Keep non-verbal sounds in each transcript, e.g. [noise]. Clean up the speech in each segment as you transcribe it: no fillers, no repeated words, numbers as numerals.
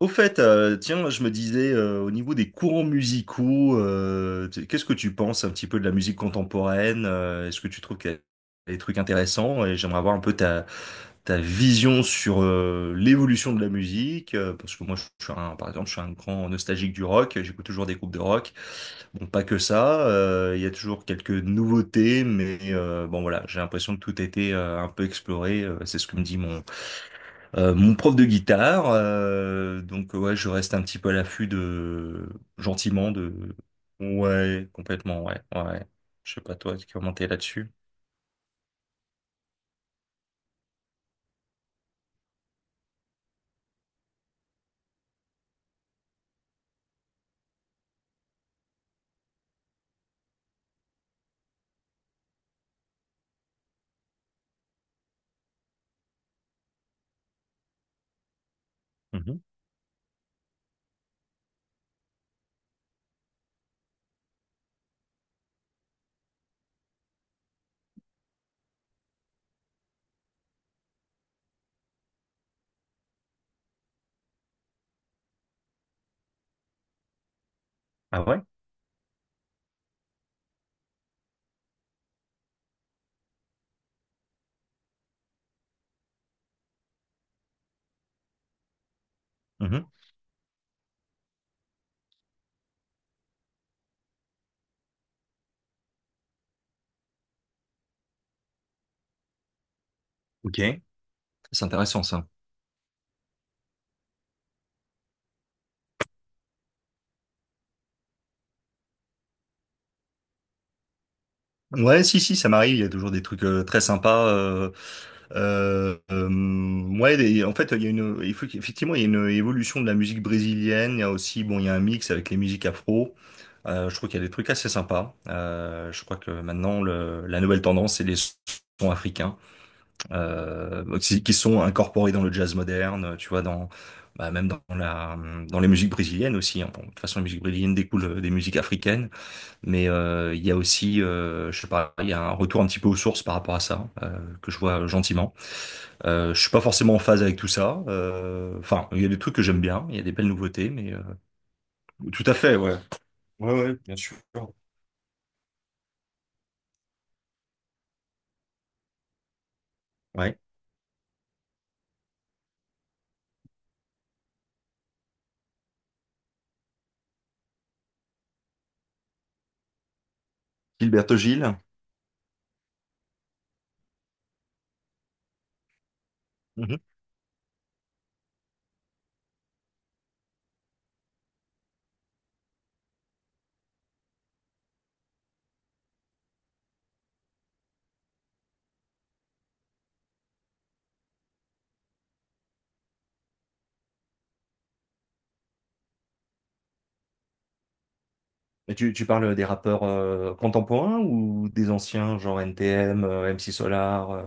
Au fait, tiens, je me disais, au niveau des courants musicaux, qu'est-ce que tu penses un petit peu de la musique contemporaine? Est-ce que tu trouves qu'il y a des trucs intéressants? Et j'aimerais avoir un peu ta vision sur l'évolution de la musique, parce que moi, par exemple, je suis un grand nostalgique du rock, j'écoute toujours des groupes de rock. Bon, pas que ça, il y a toujours quelques nouveautés, mais bon, voilà, j'ai l'impression que tout a été un peu exploré, c'est ce que me dit mon prof de guitare, donc ouais, je reste un petit peu à l'affût de gentiment de ouais, complètement ouais, ouais. Ouais. Je sais pas toi comment t'es là-dessus. Mhm. Ah ouais? Mhm. Ok, c'est intéressant ça. Ouais, si, si, ça m'arrive. Il y a toujours des trucs très sympas. Ouais, en fait, il faut qu'effectivement, il y a une évolution de la musique brésilienne. Il y a aussi, bon, il y a un mix avec les musiques afro. Je trouve qu'il y a des trucs assez sympas. Je crois que maintenant, la nouvelle tendance, c'est les sons africains qui sont incorporés dans le jazz moderne. Tu vois, dans bah, même dans la, dans les musiques brésiliennes aussi, hein. Bon, de toute façon, les musiques brésiliennes découlent des musiques africaines. Mais il y a aussi, je sais pas, il y a un retour un petit peu aux sources par rapport à ça, que je vois gentiment. Je suis pas forcément en phase avec tout ça. Enfin, il y a des trucs que j'aime bien, il y a des belles nouveautés, mais tout à fait, ouais. Ouais, ouais, bien sûr. Ouais. Gilberto Gil. Mhm. Et tu parles des rappeurs contemporains ou des anciens, genre NTM, MC Solar,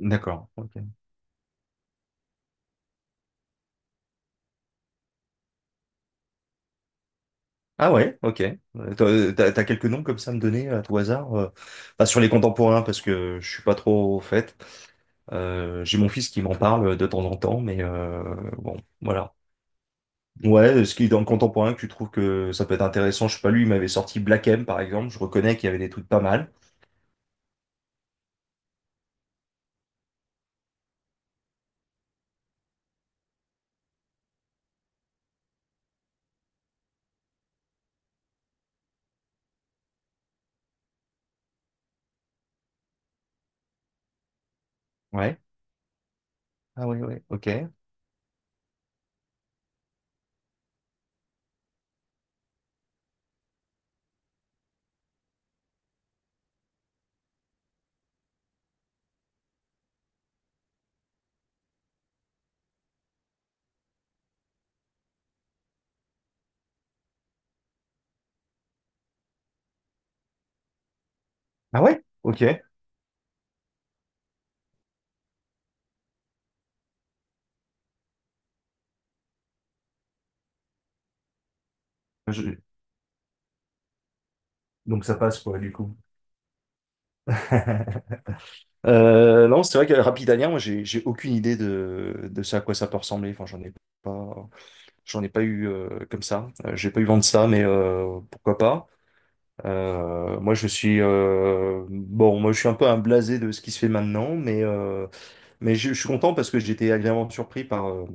D'accord. Ok. Ah ouais, ok. Euh, T'as quelques noms comme ça à me donner à tout hasard? Pas sur les contemporains parce que je suis pas trop au fait. J'ai mon fils qui m'en parle de temps en temps, mais bon, voilà. Ouais, ce qui est dans le contemporain que tu trouves que ça peut être intéressant, je sais pas, lui, il m'avait sorti Black M par exemple, je reconnais qu'il y avait des trucs pas mal. Ouais. Ah ouais, ouais, ok. Ah ouais? Ok. Je- Donc ça passe quoi du coup? [laughs] Non, c'est vrai que Rapidanien, moi j'ai aucune idée de ça à quoi ça peut ressembler. Enfin, j'en ai pas. J'en ai pas eu comme ça. J'ai pas eu vent de ça, mais pourquoi pas. Moi, je suis bon. Moi, je suis un peu un blasé de ce qui se fait maintenant, mais mais je suis content parce que j'ai été agréablement surpris par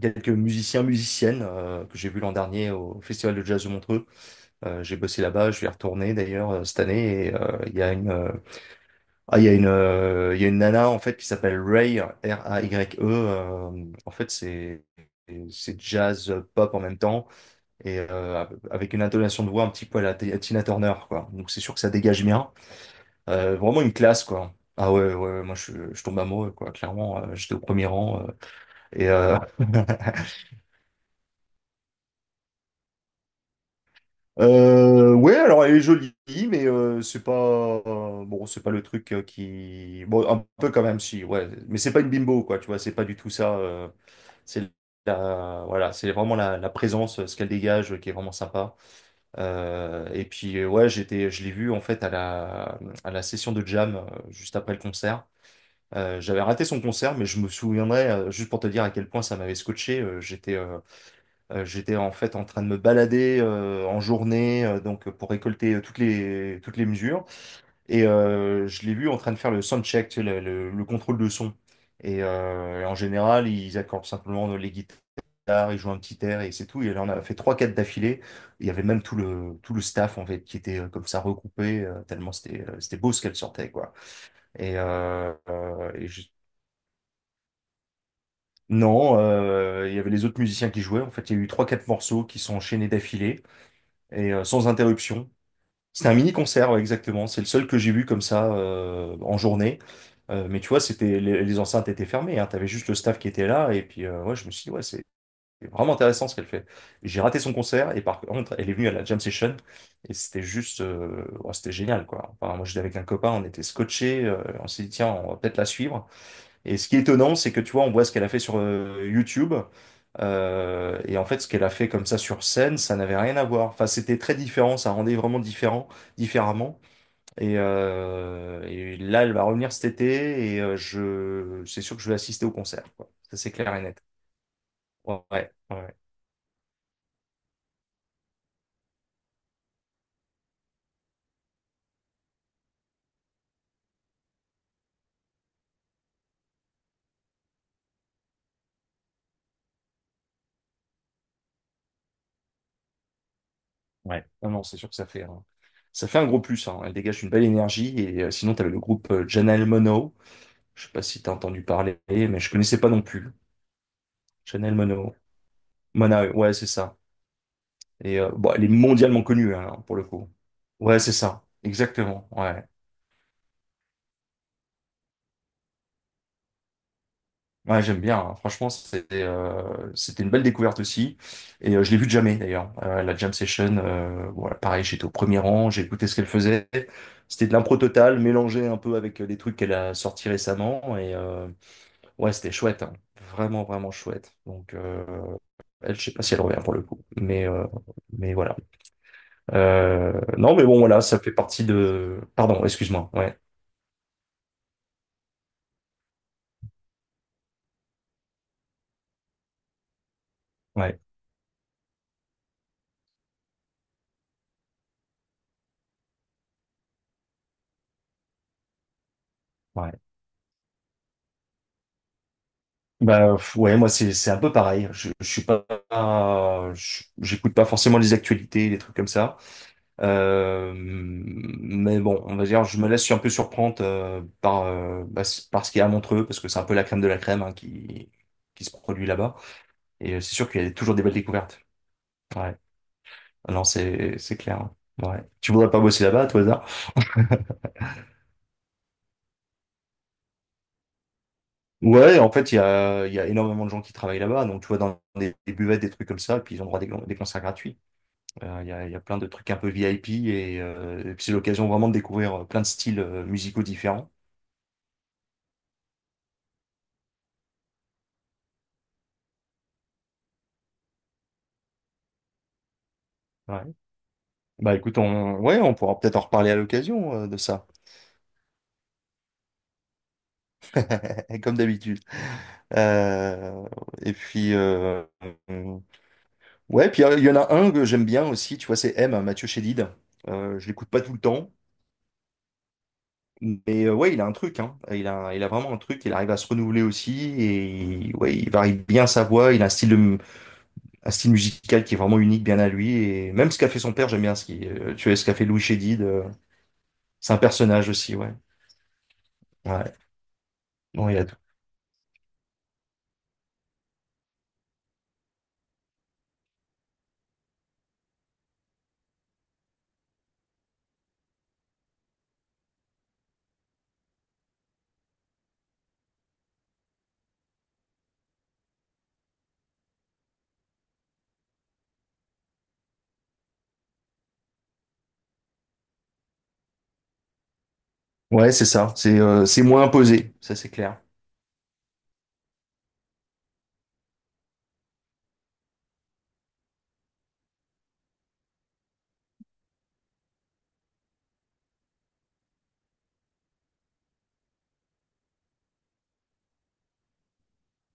quelques musiciens, musiciennes que j'ai vus l'an dernier au Festival de Jazz de Montreux. J'ai bossé là-bas, je vais y retourner d'ailleurs cette année. Et il y a une nana en fait qui s'appelle Ray, Raye. En fait, c'est jazz pop en même temps et avec une intonation de voix un petit peu à Tina Turner, quoi. Donc c'est sûr que ça dégage bien. Vraiment une classe, quoi. Ah ouais, ouais, ouais, moi je tombe amoureux, quoi. Clairement, j'étais au premier rang. Et ouais, alors elle est jolie, mais c'est pas bon, c'est pas le truc qui bon un peu quand même si ouais, mais c'est pas une bimbo quoi, tu vois, c'est pas du tout ça. C'est la voilà, c'est vraiment la présence, ce qu'elle dégage, qui est vraiment sympa. Et puis ouais, je l'ai vue en fait à la session de jam juste après le concert. J'avais raté son concert, mais je me souviendrai juste pour te dire à quel point ça m'avait scotché. J'étais en fait en train de me balader en journée, donc pour récolter toutes les mesures. Et je l'ai vu en train de faire le sound check, tu sais, le contrôle de son. Et en général, ils accordent simplement les guitares, ils jouent un petit air et c'est tout. Et là, on a fait trois, quatre d'affilée. Il y avait même tout le staff en fait qui était comme ça regroupé, tellement c'était beau ce qu'elle sortait, quoi. Et, euh, euh, et je- Non, il y avait les autres musiciens qui jouaient. En fait, il y a eu trois, quatre morceaux qui sont enchaînés d'affilée. Et sans interruption. C'était un mini-concert, ouais, exactement. C'est le seul que j'ai vu comme ça en journée. Mais tu vois, les enceintes étaient fermées, hein. T'avais juste le staff qui était là. Et puis, ouais, je me suis dit, ouais, c'est vraiment intéressant ce qu'elle fait. J'ai raté son concert et par contre, elle est venue à la jam session et c'était juste, ouais, c'était génial, quoi. Enfin, moi, j'étais avec un copain, on était scotchés. On s'est dit, tiens, on va peut-être la suivre. Et ce qui est étonnant, c'est que tu vois, on voit ce qu'elle a fait sur YouTube. Et en fait, ce qu'elle a fait comme ça sur scène, ça n'avait rien à voir. Enfin, c'était très différent, ça rendait vraiment différent, différemment. Et là, elle va revenir cet été et c'est sûr que je vais assister au concert, quoi. Ça, c'est clair et net. Ouais, ouais, ouais. Non, non, c'est sûr que ça fait un gros plus, hein. Elle dégage une belle énergie. Et sinon, tu avais le groupe Janelle Monáe. Je sais pas si tu as entendu parler, mais je connaissais pas non plus. Janelle Monáe. Monáe, ouais, c'est ça. Et bon, elle est mondialement connue, hein, pour le coup. Ouais, c'est ça, exactement. Ouais, ouais, j'aime bien, hein. Franchement, c'était une belle découverte aussi. Et je l'ai vue de jamais d'ailleurs. La jam session, voilà, pareil, j'étais au premier rang, j'ai écouté ce qu'elle faisait. C'était de l'impro totale, mélangé un peu avec des trucs qu'elle a sortis récemment. Et ouais, c'était chouette, hein. Vraiment, vraiment chouette. Donc, je sais pas si elle revient pour le coup, mais voilà. Non, mais bon, voilà, ça fait partie de. Pardon, excuse-moi. Ouais. Ouais. Ouais. Bah pff, ouais, moi c'est un peu pareil. Je suis pas, j'écoute pas forcément les actualités, les trucs comme ça. Mais bon, on va dire, je me laisse un peu surprendre par ce qu'il y a à Montreux, parce que c'est un peu la crème de la crème, hein, qui se produit là-bas. Et c'est sûr qu'il y a toujours des belles découvertes. Ouais. Ah non, c'est clair, hein. Ouais. Tu voudrais pas bosser là-bas, à tout hasard? Ouais, en fait, il y a énormément de gens qui travaillent là-bas. Donc tu vois dans des buvettes, des trucs comme ça, et puis ils ont droit à des concerts gratuits. Il y a plein de trucs un peu VIP et puis c'est l'occasion vraiment de découvrir plein de styles musicaux différents. Ouais. Bah écoute, ouais, on pourra peut-être en reparler à l'occasion de ça, [laughs] comme d'habitude. Euh, et puis, ouais, puis il y en a un que j'aime bien aussi, tu vois, c'est Mathieu Chédid. Je l'écoute pas tout le temps, mais ouais, il a un truc, hein. Il a vraiment un truc, il arrive à se renouveler aussi et ouais, il varie bien sa voix, il a un style musical qui est vraiment unique, bien à lui. Et même ce qu'a fait son père, j'aime bien tu vois, ce qu'a fait Louis Chédid. C'est un personnage aussi, ouais. Ouais, bon il y a tout. Ouais, c'est ça. C'est moins imposé, ça c'est clair.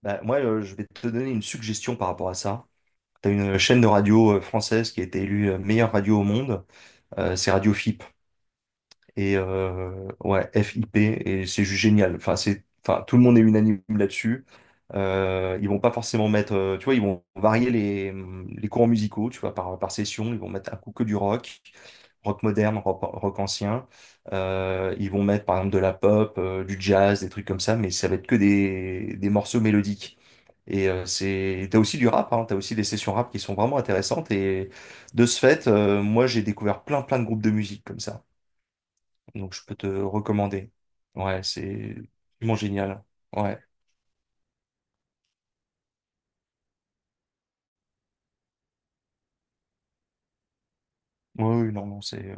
Bah, moi, je vais te donner une suggestion par rapport à ça. T'as une chaîne de radio française qui a été élue meilleure radio au monde. C'est Radio FIP. Et ouais, FIP, et c'est juste génial. Enfin, c'est, enfin, tout le monde est unanime là-dessus. Ils vont pas forcément mettre, tu vois, ils vont varier les courants musicaux, tu vois, par session. Ils vont mettre un coup que du rock, rock moderne, rock, rock ancien. Ils vont mettre, par exemple, de la pop, du jazz, des trucs comme ça, mais ça va être que des morceaux mélodiques. Et t'as aussi du rap, hein, t'as aussi des sessions rap qui sont vraiment intéressantes. Et de ce fait, moi, j'ai découvert plein, plein de groupes de musique comme ça. Donc je peux te recommander. Ouais, c'est vraiment génial. Ouais. Oui, oui, non, non, c'est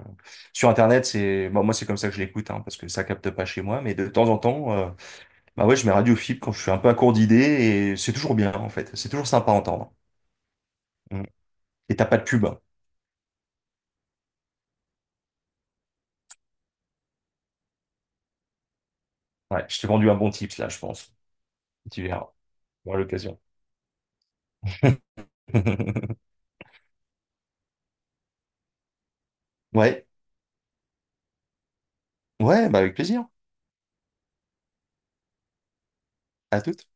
sur Internet, c'est bon, moi c'est comme ça que je l'écoute, hein, parce que ça capte pas chez moi, mais de temps en temps, bah ouais, je mets Radio Fibre quand je suis un peu à court d'idées et c'est toujours bien en fait, c'est toujours sympa à entendre. Mm. Et t'as pas de pub. Ouais, je t'ai vendu un bon tips là, je pense. Tu verras, à l'occasion. [laughs] Ouais, ouais, bah avec plaisir. À toute.